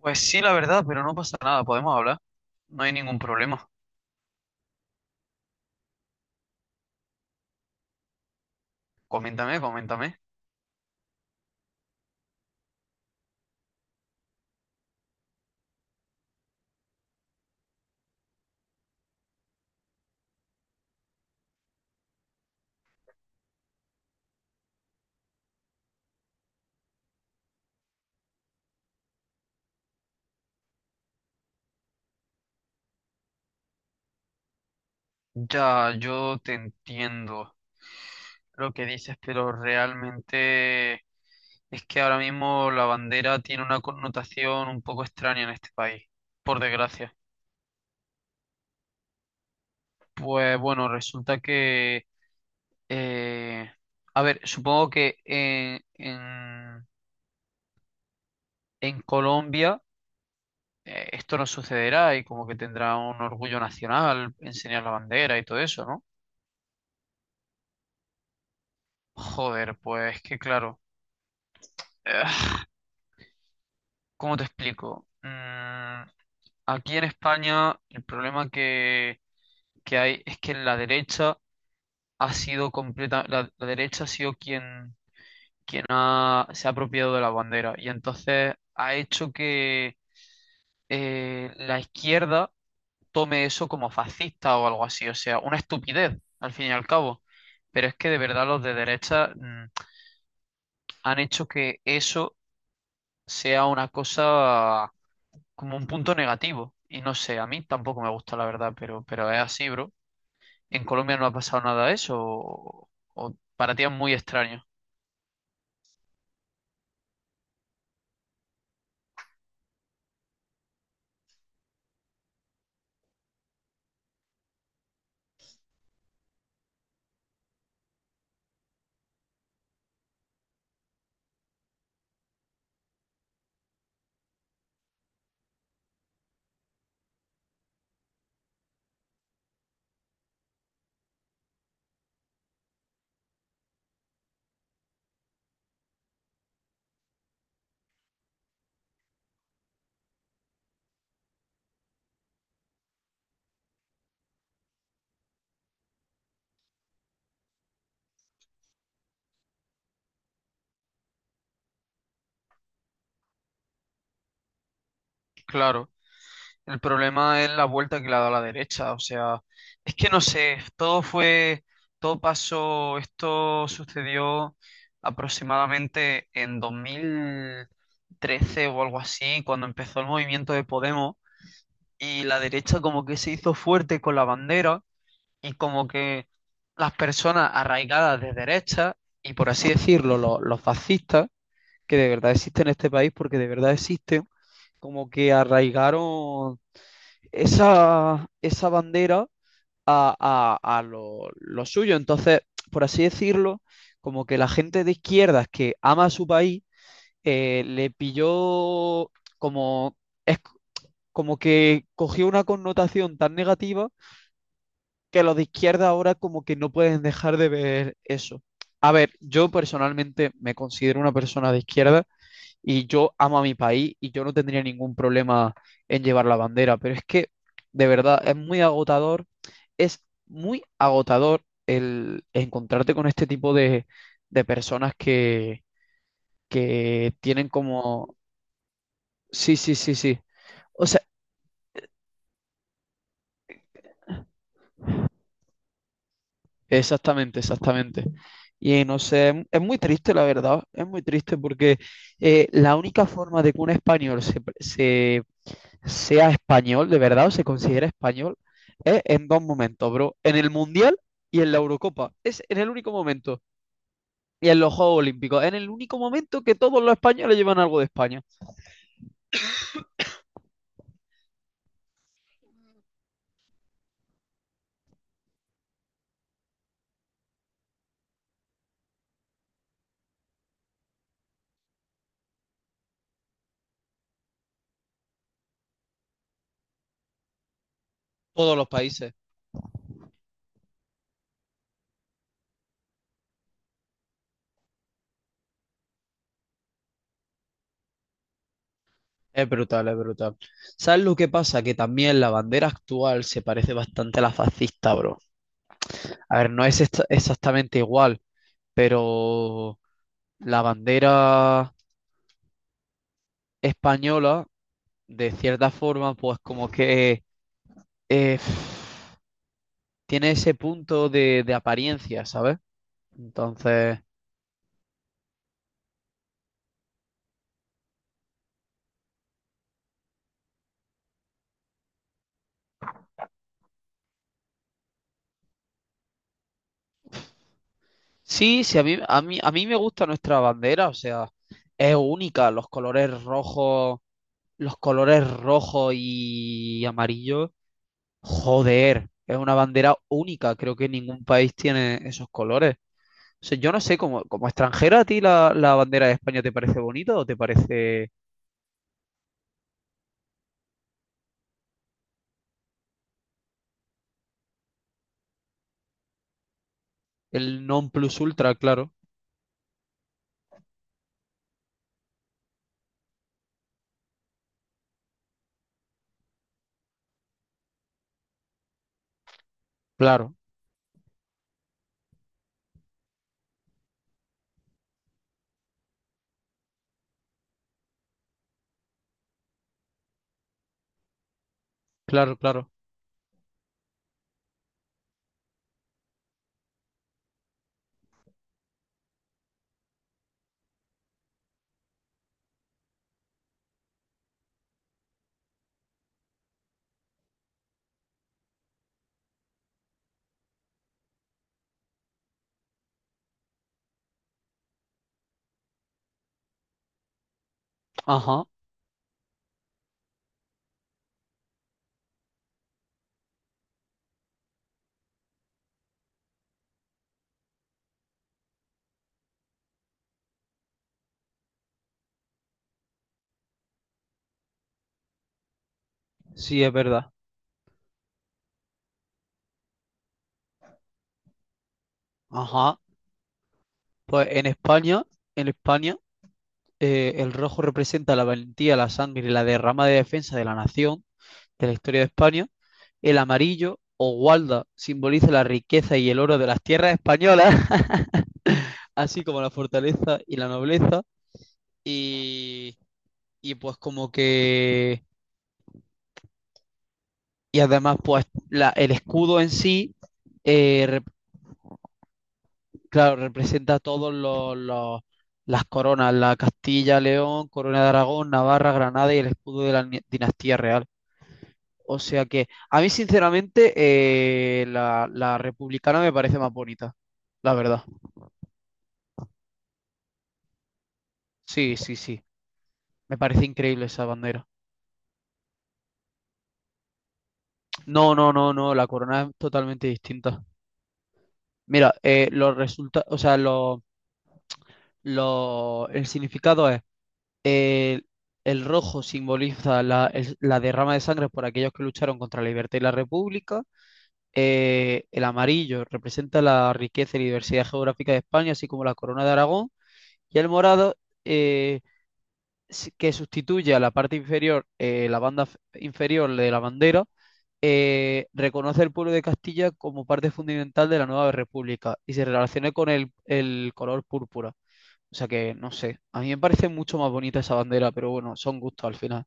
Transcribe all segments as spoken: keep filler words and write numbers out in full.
Pues sí, la verdad, pero no pasa nada, podemos hablar. No hay ningún problema. Coméntame, coméntame. Ya, yo te entiendo lo que dices, pero realmente es que ahora mismo la bandera tiene una connotación un poco extraña en este país, por desgracia. Pues bueno, resulta que eh, a ver, supongo que en, en en Colombia... eh, esto no sucederá y como que tendrá un orgullo nacional enseñar la bandera y todo eso, ¿no? Joder, pues que claro, eh, ¿cómo te explico? Mm, aquí en España el problema que, que hay es que la derecha ha sido completa, la, la derecha ha sido quien, quien ha, se ha apropiado de la bandera y entonces ha hecho que eh, la izquierda tome eso como fascista o algo así. O sea, una estupidez, al fin y al cabo. Pero es que de verdad los de derecha mm, han hecho que eso sea una cosa como un punto negativo. Y no sé, a mí tampoco me gusta la verdad, pero, pero es así, bro. En Colombia no ha pasado nada de eso, o, o para ti es muy extraño. Claro. El problema es la vuelta que le ha dado a la derecha, o sea, es que no sé, todo fue, todo pasó, esto sucedió aproximadamente en dos mil trece o algo así, cuando empezó el movimiento de Podemos y la derecha como que se hizo fuerte con la bandera y como que las personas arraigadas de derecha y por así decirlo, los, los fascistas, que de verdad existen en este país porque de verdad existen, como que arraigaron esa, esa bandera a, a- a lo, lo suyo. Entonces, por así decirlo, como que la gente de izquierdas que ama a su país, eh, le pilló como, es como que cogió una connotación tan negativa que los de izquierda ahora como que no pueden dejar de ver eso. A ver, yo personalmente me considero una persona de izquierda y yo amo a mi país y yo no tendría ningún problema en llevar la bandera, pero es que de verdad es muy agotador, es muy agotador el encontrarte con este tipo de, de personas que, que tienen como, sí, sí, sí, sí, o sea, exactamente, exactamente. Y no sé, es muy triste la verdad, es muy triste porque eh, la única forma de que un español se, pre- se sea español, de verdad, o se considera español, es en dos momentos, bro. En el Mundial y en la Eurocopa. Es en el único momento. Y en los Juegos Olímpicos. En el único momento que todos los españoles llevan algo de España. Todos los países. Es brutal, es brutal. ¿Sabes lo que pasa? Que también la bandera actual se parece bastante a la fascista, bro. A ver, no es esta- exactamente igual, pero la bandera española, de cierta forma, pues como que... eh, tiene ese punto de, de apariencia, ¿sabes? Entonces, sí, sí, a mí, a mí, a mí me gusta nuestra bandera, o sea, es única, los colores rojos, los colores rojos y amarillos, joder, es una bandera única, creo que ningún país tiene esos colores. O sea, yo no sé, como, como extranjera, ¿a ti la, la bandera de España te parece bonita o te parece el non plus ultra? Claro, claro, claro, claro. Ajá, sí, es verdad. Ajá. Pues en España, en España, eh, el rojo representa la valentía, la sangre y la derrama de defensa de la nación, de la historia de España. El amarillo o gualda simboliza la riqueza y el oro de las tierras españolas, así como la fortaleza y la nobleza. Y, y pues como que... Y además, pues la- el escudo en sí representa. Claro, representa todos los, los- las coronas, la Castilla, León, Corona de Aragón, Navarra, Granada y el escudo de la ni- dinastía real. O sea que a mí sinceramente eh, la, la republicana me parece más bonita, la verdad. Sí, sí, sí. Me parece increíble esa bandera. No, no, no, no, la corona es totalmente distinta. Mira, eh, los resulta- o sea, los, los- el significado es. El, el rojo simboliza la, el- la derrama de sangre por aquellos que lucharon contra la libertad y la república. Eh, el amarillo representa la riqueza y la diversidad geográfica de España, así como la corona de Aragón. Y el morado, eh, s- que sustituye a la parte inferior, eh, la banda f- inferior de la bandera, eh, reconoce el pueblo de Castilla como parte fundamental de la nueva república y se relaciona con el el color púrpura. O sea que, no sé, a mí me parece mucho más bonita esa bandera, pero bueno, son gustos al final.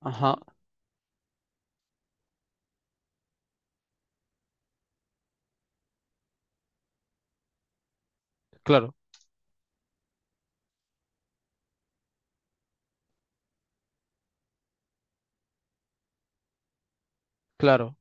Ajá, claro, claro.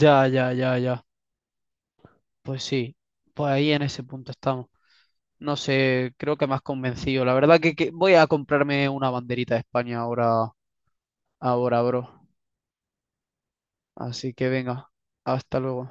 Ya, ya, ya, ya. Pues sí, pues ahí en ese punto estamos. No sé, creo que me has convencido. La verdad que, que voy a comprarme una banderita de España ahora, ahora, bro. Así que venga, hasta luego.